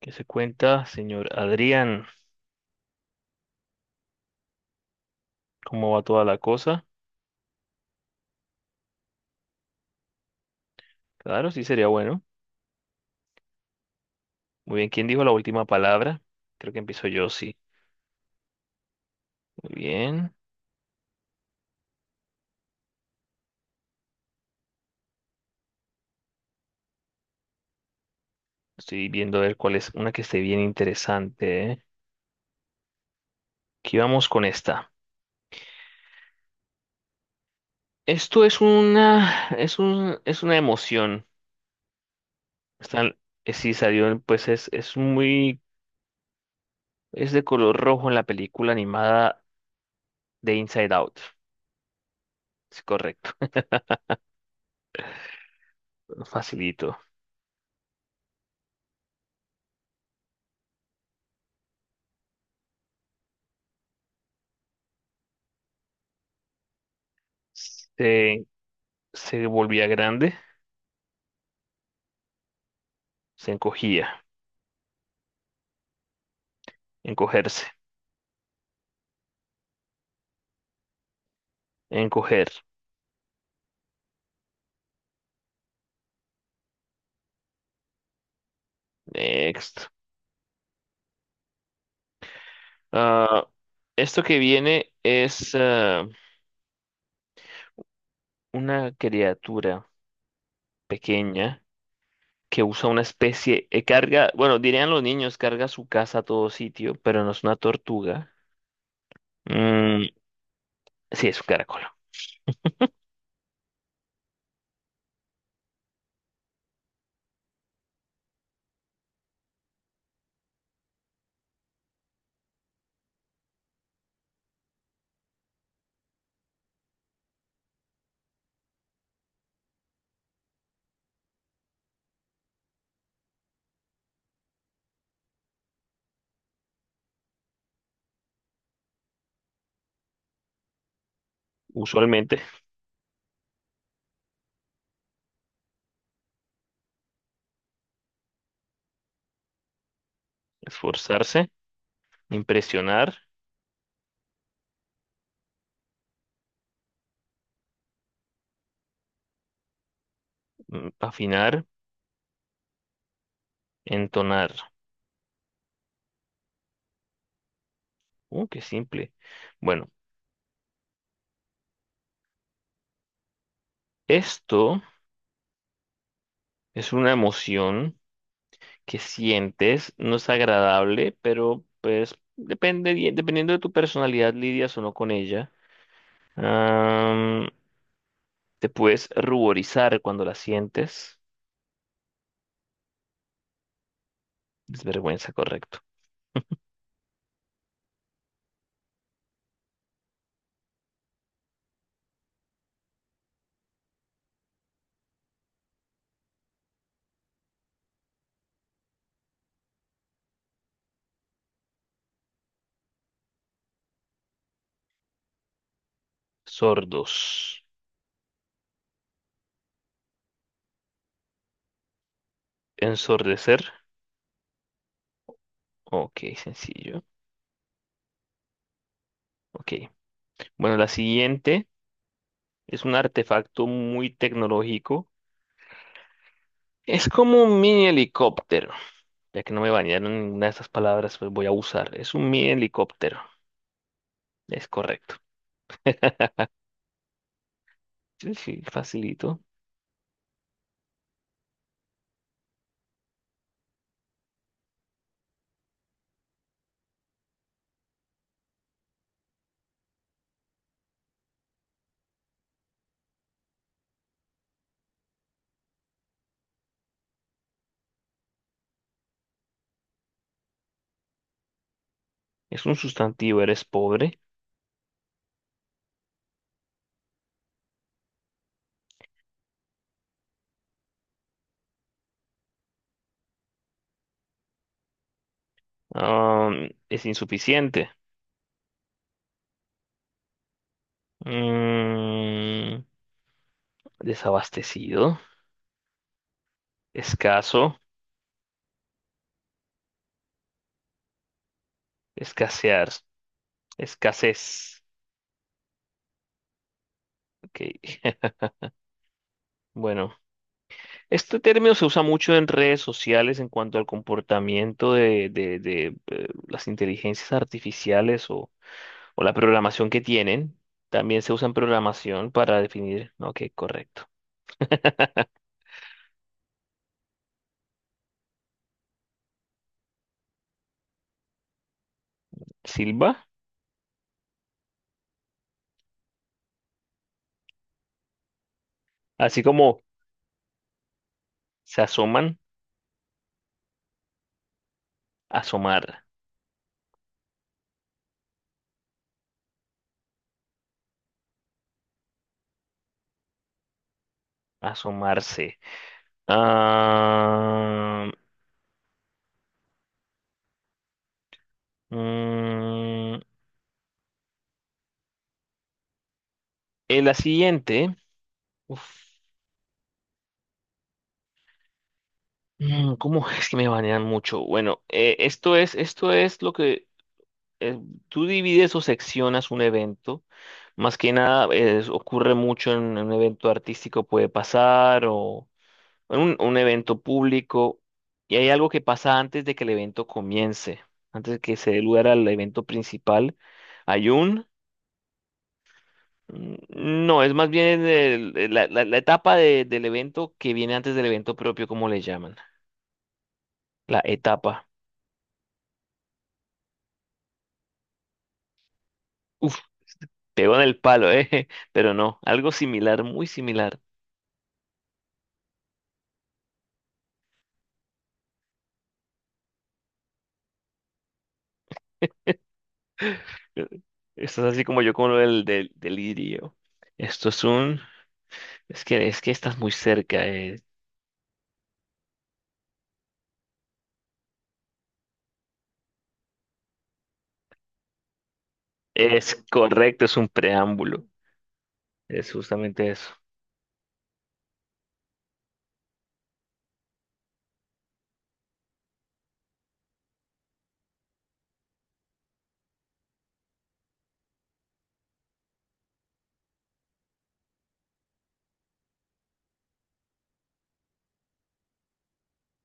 ¿Qué se cuenta, señor Adrián? ¿Cómo va toda la cosa? Claro, sí sería bueno. Muy bien, ¿quién dijo la última palabra? Creo que empiezo yo, sí. Muy bien. Estoy viendo a ver cuál es una que esté bien interesante, ¿eh? Aquí vamos con esta. Esto es una, es un, es una emoción. Está, sí salió, en- pues es muy, Es de color rojo en la película animada de Inside Out. Es correcto, facilito. Se, se volvía grande, se encogía. Encogerse. Encoger. Next. Ah, esto que viene es ah, Una criatura pequeña que usa una especie, carga, bueno, dirían los niños, carga su casa a todo sitio, pero no es una tortuga. Mm, sí, es un caracol. Usualmente, esforzarse, impresionar, afinar, entonar. Qué simple. Bueno, esto es una emoción que sientes no es agradable, pero pues depende, dependiendo de tu personalidad lidias o no con ella. Am, Te puedes ruborizar cuando la sientes. Desvergüenza, correcto. Sordos. Ensordecer. Ok, sencillo. Ok. Bueno, la siguiente es un artefacto muy tecnológico. Es como un mini helicóptero. Ya que no me bañaron ninguna de estas palabras, pues voy a usar. Es un mini helicóptero. Es correcto. Sí, sí, facilito. Es un sustantivo, eres pobre. Es insuficiente. Mm, Desabastecido. Escaso. Escasear. Escasez. Ok. Bueno, este término se usa mucho en redes sociales en cuanto al comportamiento de, las inteligencias artificiales o la programación que tienen. También se usa en programación para definir. Ok, correcto. Silva. Así como se asoman, asomar. Asomarse. Ah, mm, en la siguiente. Uf, ¿Cómo es que me banean mucho? Bueno, esto es lo que eh, tú divides o seccionas un evento. Más que nada, ocurre mucho en un evento artístico, puede pasar, o en un evento público. Y hay algo que pasa antes de que el evento comience, antes de que se dé lugar al evento principal. Hay un. Mm. No, es más bien la etapa del evento que viene antes del evento propio, como le llaman. La etapa. Uf, pegó en el palo, ¿eh? Pero no, algo similar, muy similar. Eh, Esto es así como yo con lo del delirio. Esto es un... es que estás muy cerca. Es correcto, es un preámbulo. Es justamente eso.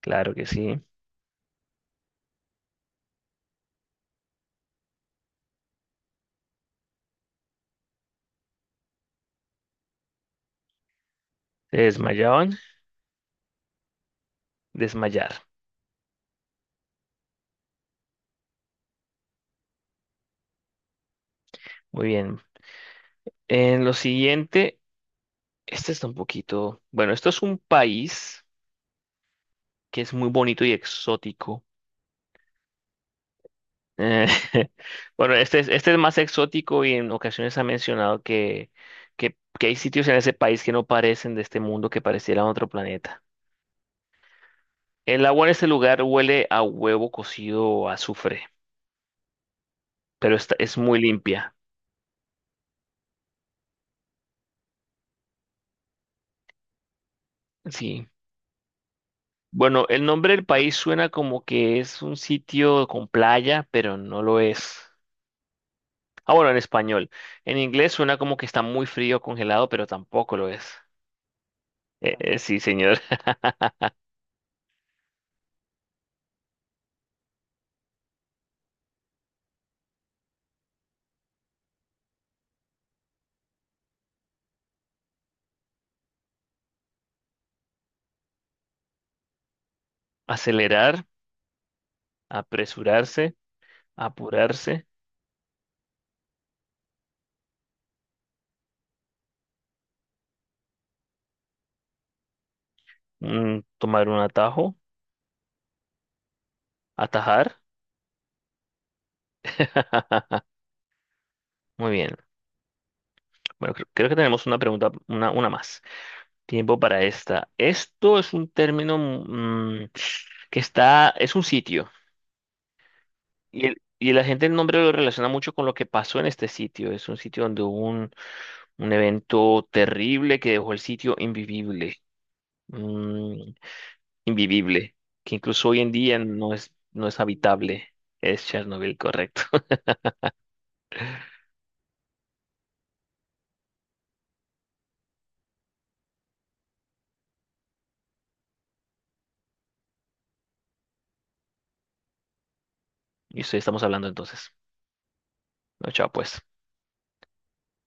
Claro que sí. Se desmayaban, desmayar. Muy bien. En lo siguiente... Este está un poquito. Bueno, esto es un país que es muy bonito y exótico. Eh, bueno, este es más exótico y en ocasiones ha mencionado que hay sitios en ese país que no parecen de este mundo, que parecieran otro planeta. El agua en este lugar huele a huevo cocido o azufre, pero está, es muy limpia. Sí. Bueno, el nombre del país suena como que es un sitio con playa, pero no lo es. Ah, bueno, en español. En inglés suena como que está muy frío, congelado, pero tampoco lo es. Sí, señor. Acelerar, apresurarse, apurarse, tomar un atajo, atajar. Muy bien. Bueno, creo que tenemos una pregunta, una más. Tiempo para esta. Esto es un término que está, es un sitio. Y, y la gente el nombre lo relaciona mucho con lo que pasó en este sitio. Es un sitio donde hubo un. Un evento terrible que dejó el sitio invivible. mm, Invivible. Que incluso hoy en día no es, no es habitable. Es Chernobyl, correcto. Y eso estamos hablando entonces. No, chao, pues.